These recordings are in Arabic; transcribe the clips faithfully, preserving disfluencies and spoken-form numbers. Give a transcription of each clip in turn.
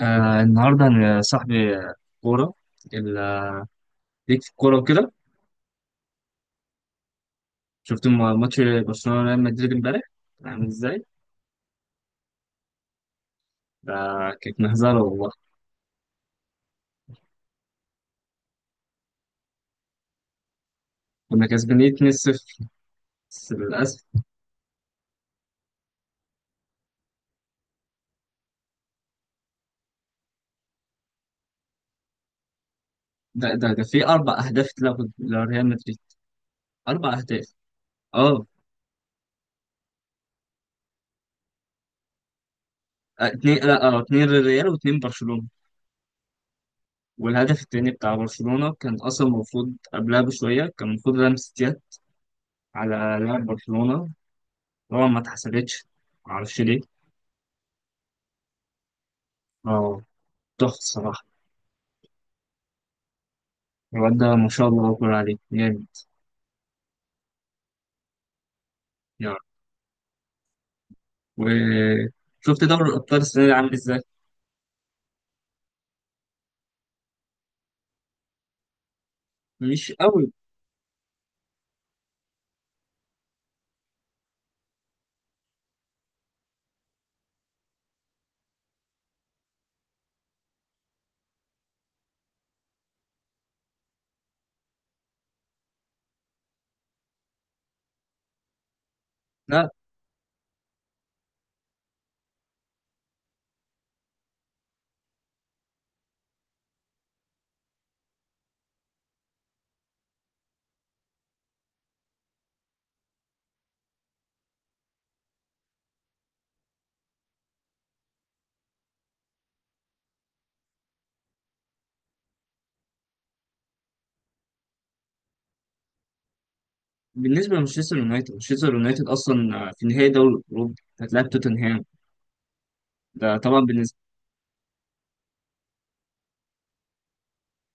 آه النهارده انا صاحبي آه، كوره ال- آه، ليك في الكوره وكده؟ شفت م- ماتش برشلونه وريال مدريد امبارح، عامل ازاي؟ ده كانت مهزله والله. كنا كسبانين اتنين صفر بس للاسف. ده ده ده في اربع اهداف اتلغوا لريال مدريد، اربع اهداف. اه، آه، اتنين، لا اه، اتنين للريال واتنين برشلونه. والهدف التاني بتاع برشلونه كان اصلا المفروض قبلها بشويه، كان المفروض لمسه يد على لاعب برشلونه. طبعا ما اتحسبتش، معرفش ليه. اه، تحفه الصراحه. الواد ده ما شاء الله أكبر عليه جامد. يعني، وشفت دوري الأبطال السنة دي عامل إزاي؟ مش قوي. لا، بالنسبة لمانشستر يونايتد، مانشستر يونايتد أصلا في نهائي دوري الأوروبي، هتلاعب توتنهام. ده طبعا بالنسبة.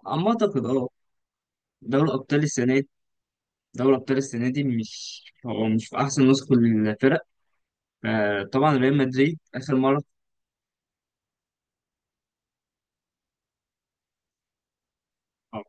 أما أعتقد أه دوري الأبطال السنة دي، دوري الأبطال السنة دي مش هو مش في أحسن نسخة للفرق. آه، طبعا ريال مدريد آخر مرة. آه،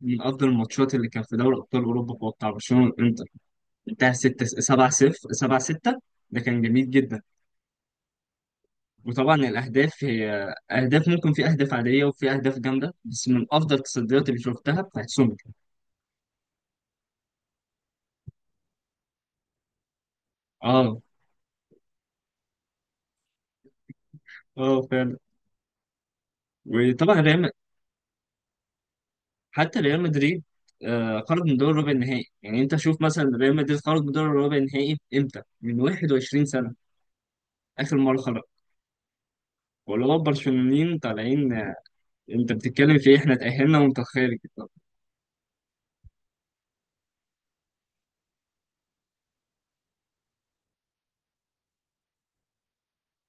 من أفضل الماتشات اللي كان في دوري أبطال أوروبا هو بتاع برشلونة والإنتر. انتهى ستة سبعة صفر سبعة ستة. ده كان جميل جدا. وطبعا الأهداف هي أهداف، ممكن في أهداف عادية وفي أهداف جامدة، بس من أفضل التصديات اللي شفتها بتاعت سومر. اه. اه فعلا. وطبعا ريال م- حتى ريال مدريد آه خرج من دور ربع النهائي. يعني أنت شوف مثلا ريال مدريد خرج من دور ربع النهائي إمتى؟ من 21 سنة آخر مرة خرج. واللي هو البرشلونيين طالعين، آه، أنت بتتكلم في إيه؟ إحنا تأهلنا وأنت خارج، طب.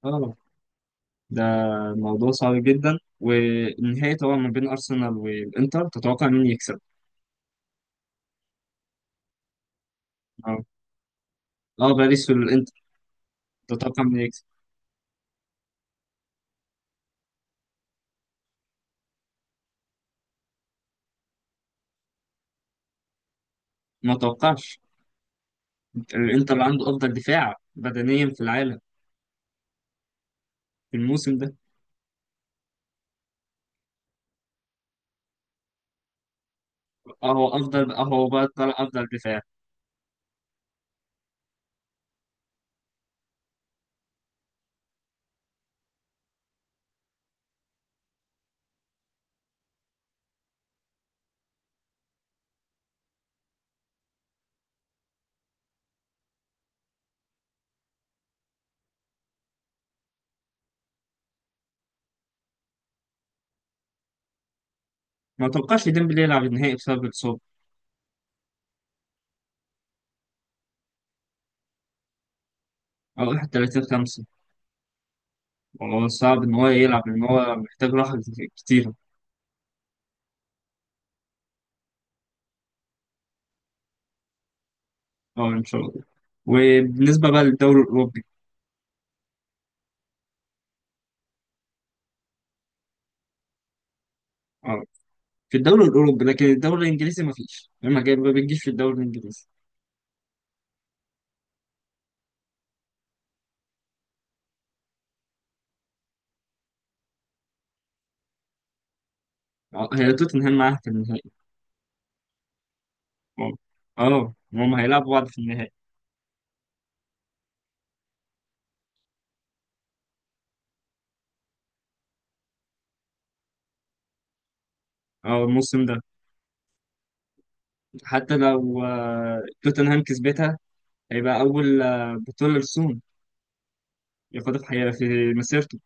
اه. ده موضوع صعب جدا. والنهائي طبعا ما بين أرسنال والإنتر، تتوقع مين يكسب؟ اه. اه، باريس والإنتر. تتوقع مين يكسب؟ ما توقعش. الانتر عنده افضل دفاع بدنيا في العالم في الموسم ده. اهو افضل، اهو بقى طلع افضل دفاع. ما توقعش ديمبلي يلعب النهائي بسبب الاصابه، او الحادي والثلاثين خمسة. والله صعب ان هو يلعب لان هو محتاج راحه كتير. اه ان شاء الله. وبالنسبه بقى للدوري الاوروبي. اه، في الدوري الاوروبي. لكن الدوري الانجليزي ما فيش، ما جاي- ما بتجيش في الدوري الانجليزي. اه. هي توتنهام معاها في النهائي. اه، آه، هم هيلعبوا بعض في النهائي. اه، الموسم ده. حتى لو آه، توتنهام كسبتها، هيبقى أول آه، بطولة لسون ياخدها في حياته في مسيرته.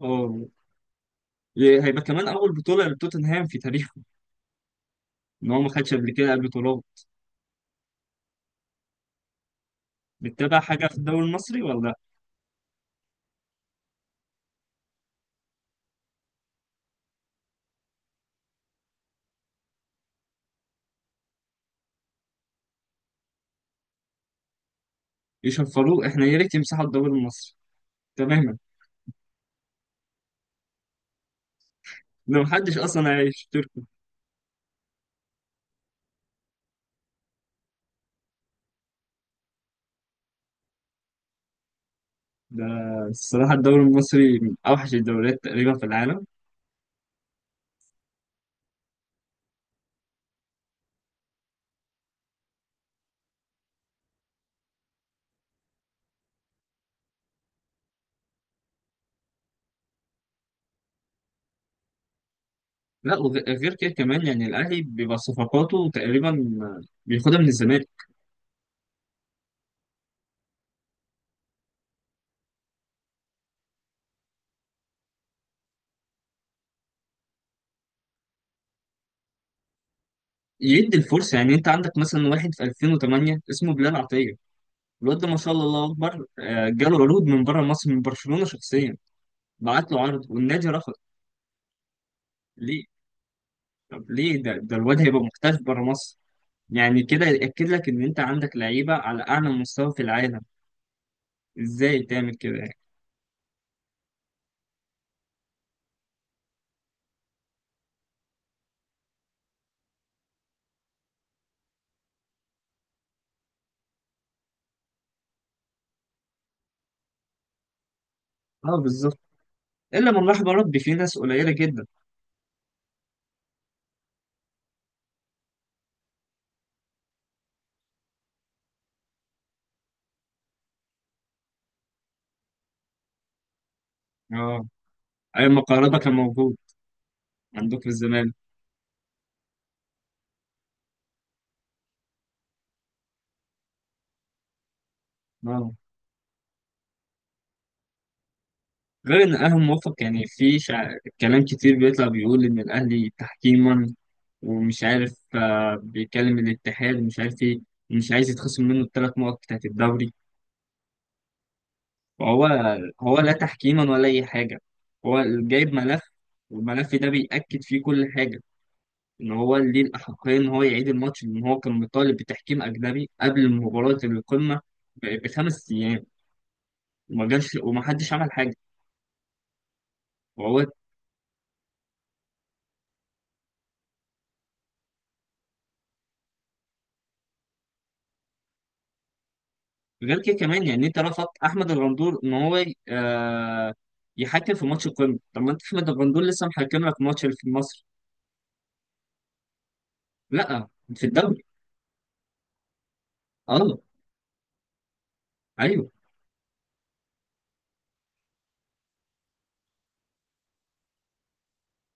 اه، ي- هيبقى كمان أول بطولة لتوتنهام في تاريخه، إن هو ما خدش قبل كده قبل بطولات. بتتابع حاجة في الدوري المصري ولا؟ يشفروه؟ إحنا يا ريت يمسحوا الدوري المصري. تماما. لو محدش أصلا هيشترك. ده الصراحة الدوري المصري من أوحش الدوريات تقريبا في العالم. لا. وغير كده كمان، يعني الأهلي بيبقى صفقاته تقريبا بياخدها من الزمالك. يدي الفرصة. يعني انت عندك مثلا واحد في ألفين وثمانية اسمه بلال عطية. الواد ده ما شاء الله الله اكبر، آه، جاله عروض من بره مصر من برشلونة شخصيا، بعت له عرض والنادي رفض. ليه؟ طب ليه؟ ده ده الواد هيبقى محتاج بره مصر. يعني كده يأكد لك ان انت عندك لعيبة على اعلى مستوى في العالم. ازاي تعمل كده يعني؟ اه بالظبط. الا من رحم ربي، في ناس قليلة جدا. اه، ايام ما كهربا كان موجود عندكم في الزمان. اه. غير ان الاهلي موفق، يعني في شع... كلام كتير بيطلع بيقول ان الاهلي تحكيما، ومش عارف، آه، بيكلم الاتحاد ومش عارف ايه، ومش عايز يتخصم منه الثلاث نقط بتاعت الدوري. فهو هو لا تحكيما ولا اي حاجه. هو جايب ملف، والملف ده بيأكد فيه كل حاجه ان هو ليه الاحقيه ان هو يعيد الماتش، لان هو كان مطالب بتحكيم اجنبي قبل مباراه القمه ب- بخمس ايام، وما جاش وما حدش عمل حاجه. وهو غير كده كمان، يعني انت رفضت احمد الغندور ان هو ي- آه يحكم في ماتش القمه. طب ما انت احمد الغندور لسه محكم لك ماتش في مصر. لا. في الدوري. اه ايوه.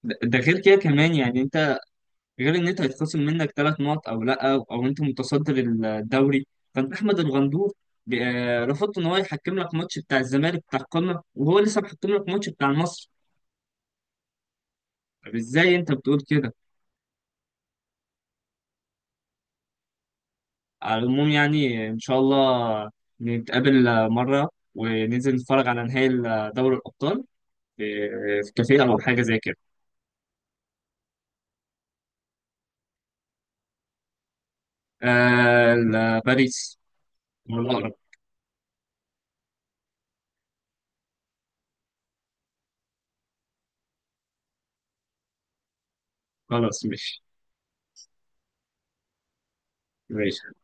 ده ده غير كده كمان، يعني انت، غير ان انت هيتخصم منك ثلاث نقط او لا، او, أو انت متصدر الدوري. فانت احمد الغندور ب- آه، رفضت ان هو يحكم لك ماتش بتاع الزمالك بتاع القمه، وهو لسه محكم لك ماتش بتاع مصر. طب ازاي انت بتقول كده؟ على العموم، يعني إن شاء الله نتقابل مرة وننزل نتفرج على نهائي دوري الأبطال في في كافيه أو حاجة زي كده. آه ال- باريس هو الأقرب. خلاص مش ماشي. ماشي.